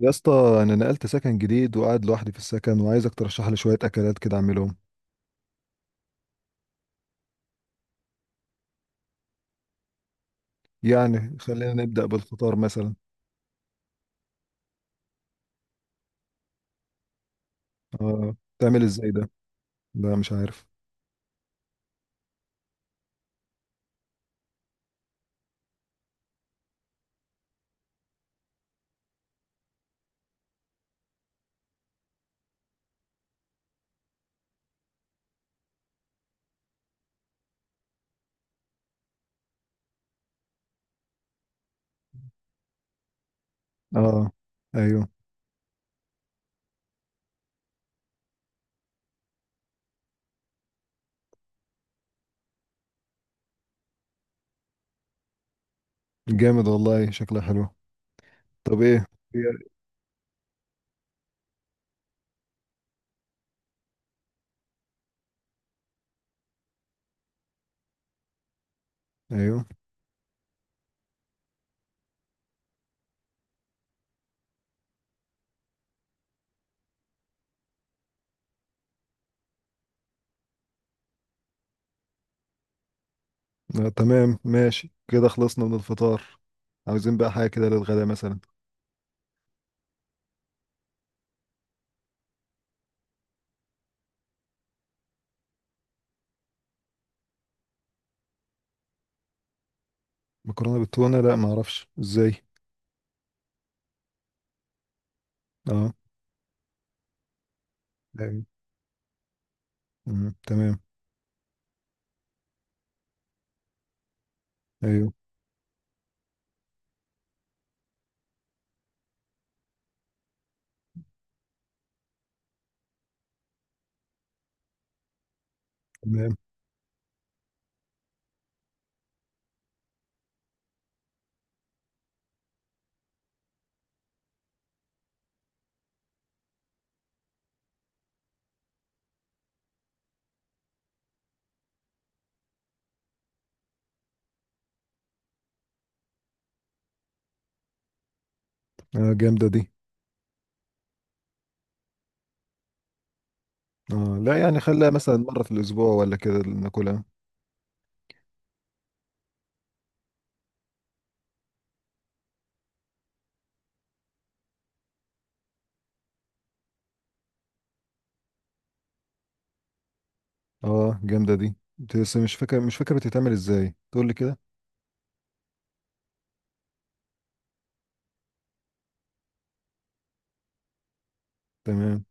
يا اسطى، انا نقلت سكن جديد وقاعد لوحدي في السكن وعايزك ترشح لي شويه اكلات كده اعملهم. يعني خلينا نبدا بالفطار مثلا. اه، تعمل ازاي ده؟ لا مش عارف. اه، ايوه. جامد والله، شكلها حلو. طب ايه؟ إيه؟ ايوه. آه تمام، ماشي كده خلصنا من الفطار. عاوزين بقى حاجه كده للغدا مثلا. مكرونه بالتونه؟ لا، ما اعرفش ازاي. اه. ايوه. مم. تمام. ايوه. تمام. آه جامده دي. اه لا، يعني خليها مثلا مره في الاسبوع ولا كده ناكلها. اه جامدة دي، بس مش فاكر بتتعمل ازاي، تقول لي كده. تمام.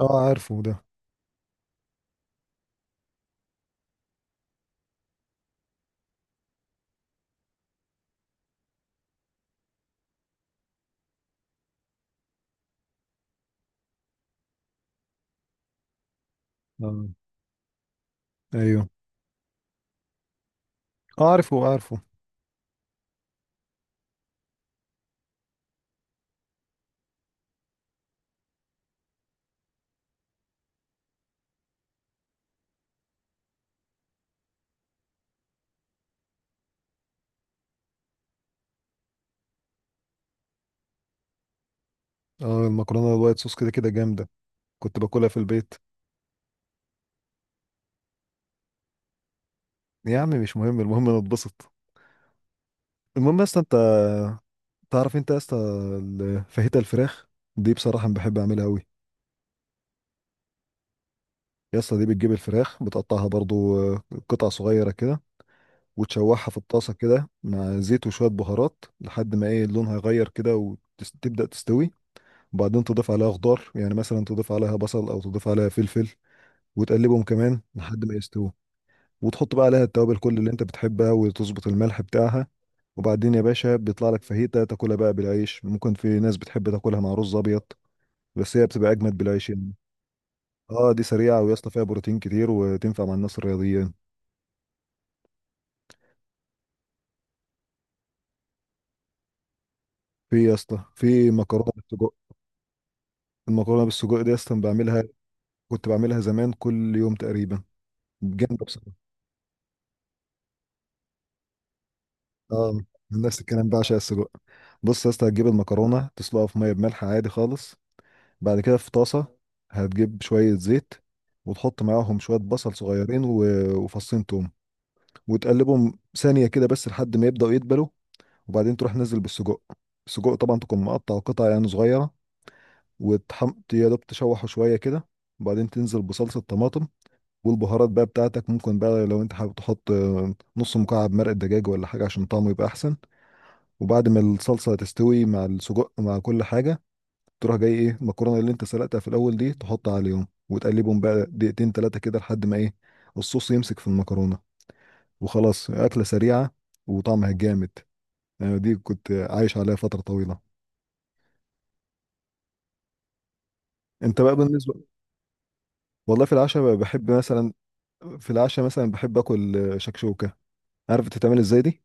اه عارفه ده. اه. ايوه. اه، عارفه عارفه. اه، المكرونة الوايت صوص كده كده جامدة. كنت باكلها في البيت. يا عم مش مهم، المهم انا اتبسط. المهم يا اسطى، انت تعرف انت يا اسطى فاهيتا الفراخ دي، بصراحة أنا بحب اعملها قوي. يا اسطى، دي بتجيب الفراخ بتقطعها برضو، قطع صغيرة كده، وتشوحها في الطاسة كده مع زيت وشوية بهارات لحد ما ايه، لونها يغير كده وتبدأ تستوي. وبعدين تضيف عليها خضار، يعني مثلا تضيف عليها بصل او تضيف عليها فلفل، وتقلبهم كمان لحد ما يستووا، وتحط بقى عليها التوابل كل اللي انت بتحبها وتظبط الملح بتاعها. وبعدين يا باشا بيطلع لك فاهيتا تاكلها بقى بالعيش، ممكن في ناس بتحب تاكلها مع رز ابيض، بس هي بتبقى اجمد بالعيش يعني. اه دي سريعه، ويا اسطى فيها بروتين كتير وتنفع مع الناس الرياضيين. في يا اسطى، في مكرونه بالسجق. المكرونه بالسجق دي اصلا بعملها، كنت بعملها زمان كل يوم تقريبا، جامده بصراحه. اه، نفس الكلام بقى عشان السجق. بص يا اسطى، هتجيب المكرونه تسلقها في ميه بملح عادي خالص. بعد كده في طاسه هتجيب شويه زيت، وتحط معاهم شويه بصل صغيرين و- وفصين توم، وتقلبهم ثانيه كده بس لحد ما يبداوا يدبلوا. وبعدين تروح نزل بالسجق. السجق طبعا تكون مقطع قطع يعني صغيره، وتحم يا دوب تشوحه شويه كده، وبعدين تنزل بصلصه طماطم والبهارات بقى بتاعتك. ممكن بقى لو انت حابب تحط نص مكعب مرق دجاج ولا حاجه عشان طعمه يبقى احسن. وبعد ما الصلصة تستوي مع السجق مع كل حاجة، تروح جاي ايه، المكرونة اللي انت سلقتها في الأول دي تحطها عليهم وتقلبهم بقى دقيقتين تلاتة كده لحد ما ايه، الصوص يمسك في المكرونة. وخلاص، أكلة سريعة وطعمها جامد، يعني دي كنت عايش عليها فترة طويلة. انت بقى بالنسبة. والله في العشاء بقى بحب مثلا، في العشاء مثلا بحب اكل شكشوكة. عارف بتتعمل ازاي دي؟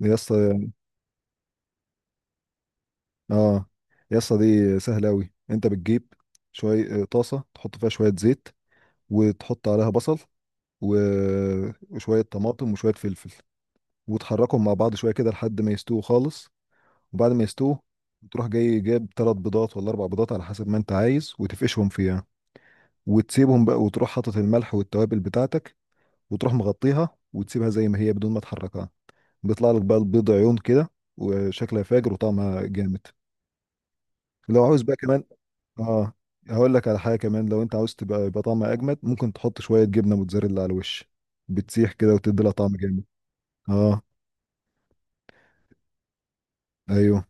يا اسطى، اه. يا اسطى، دي سهلة أوي. انت بتجيب شوية، طاسة تحط فيها شوية زيت، وتحط عليها بصل و- وشوية طماطم وشوية فلفل، وتحركهم مع بعض شوية كده لحد ما يستووا خالص. وبعد ما يستووا، تروح جاي جايب ثلاث بيضات ولا اربع بيضات على حسب ما انت عايز، وتفقشهم فيها وتسيبهم بقى، وتروح حاطط الملح والتوابل بتاعتك، وتروح مغطيها وتسيبها زي ما هي بدون ما تحركها. بيطلع لك بقى البيض عيون كده، وشكلها فاجر وطعمها جامد. لو عاوز بقى كمان، اه، هقول لك على حاجة كمان. لو انت عاوز تبقى يبقى طعمها اجمد، ممكن تحط شوية جبنة موتزاريلا على الوش، بتسيح كده وتدي لها طعم جامد. اه. ايوه.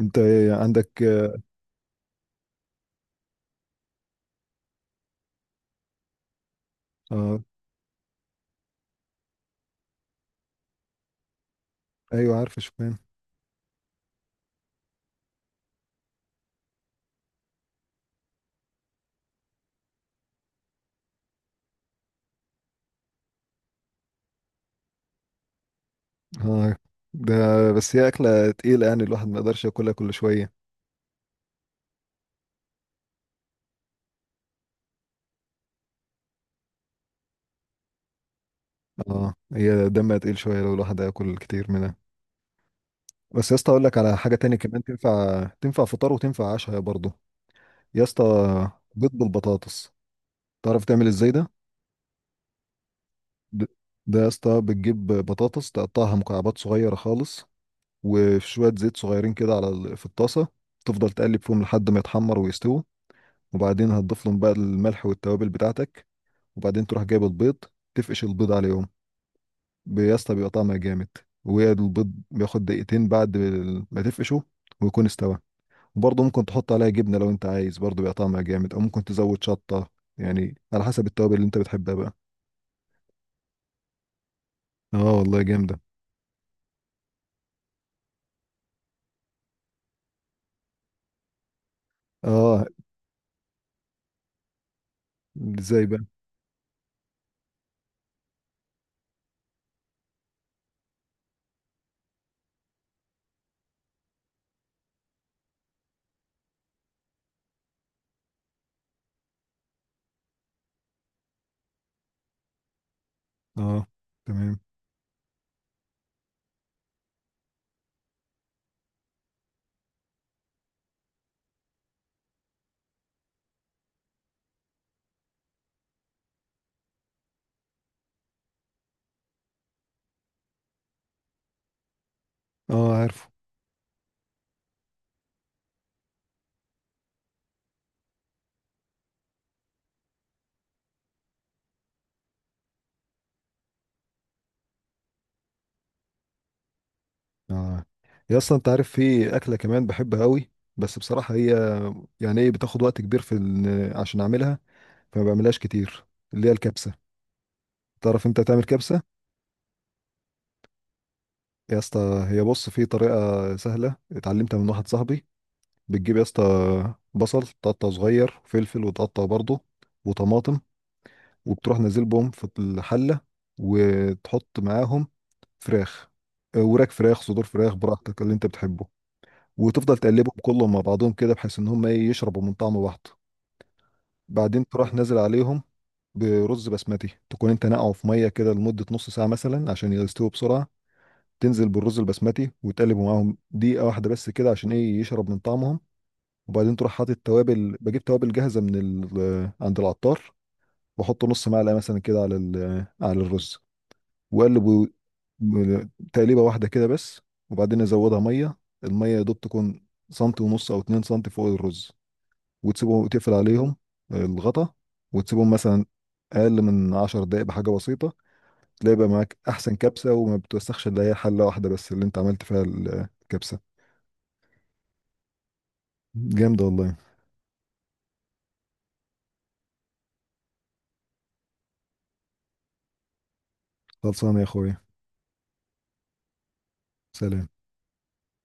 انت عندك؟ اه، ايوه عارف شوفان. اه. ده بس هي اكله تقيله، يعني الواحد ما يقدرش ياكلها كل شويه. اه هي دمها تقيل شويه لو الواحد ياكل كتير منها. بس يا اسطى اقول لك على حاجه تاني كمان، تنفع فطار وتنفع عشاء برضه. يا اسطى، بيض بالبطاطس. تعرف تعمل ازاي ده؟ ب- ده يا اسطى بتجيب بطاطس تقطعها مكعبات صغيره خالص، وشويه زيت صغيرين كده على في الطاسه، تفضل تقلب فيهم لحد ما يتحمر ويستوي. وبعدين هتضيف لهم بقى الملح والتوابل بتاعتك، وبعدين تروح جايب البيض تفقش البيض عليهم. يا اسطى بيبقى طعمها جامد. والبيض بياخد دقيقتين بعد ما تفقشه ويكون استوى. وبرضه ممكن تحط عليها جبنة لو انت عايز، برضه بيبقى طعمها جامد، او ممكن تزود شطة، يعني على حسب التوابل اللي انت بتحبها بقى. اه والله جامدة. اه. ازاي بقى؟ اه. تمام. اه عارفه. اه يا اسطى، انت عارف في اكلة كمان بحبها قوي، بس بصراحة هي يعني ايه، بتاخد وقت كبير في عشان اعملها، فما بعملهاش كتير، اللي هي الكبسة. تعرف انت تعمل كبسة؟ يا اسطى هي بص، في طريقة سهلة اتعلمتها من واحد صاحبي. بتجيب يا اسطى، بصل تقطعه صغير، وفلفل وتقطعه برضه، وطماطم، وبتروح نازل بهم في الحلة، وتحط معاهم فراخ، وراك فراخ، صدور فراخ، براحتك اللي انت بتحبه. وتفضل تقلبهم كلهم مع بعضهم كده بحيث ان هم ايه، يشربوا من طعم بعض. بعدين تروح نازل عليهم برز بسمتي، تكون انت نقعه في ميه كده لمده نص ساعه مثلا عشان يستووا بسرعه. تنزل بالرز البسمتي وتقلب معاهم دقيقه واحده بس كده عشان ايه، يشرب من طعمهم. وبعدين تروح حاطط توابل، بجيب توابل جاهزه من عند العطار، بحط نص معلقه مثلا كده على على الرز، واقلب تقليبه واحده كده بس. وبعدين ازودها ميه، الميه يا دوب تكون سنتي ونص او اتنين سنتي فوق الرز، وتسيبهم تقفل عليهم، الغطا. وتسيبهم مثلا اقل من 10 دقائق بحاجه بسيطه، تلاقي بقى معاك احسن كبسه، وما بتوسخش الا هي حله واحده بس اللي انت عملت فيها الكبسه. جامده والله. خلصانه يا اخويا. سلام.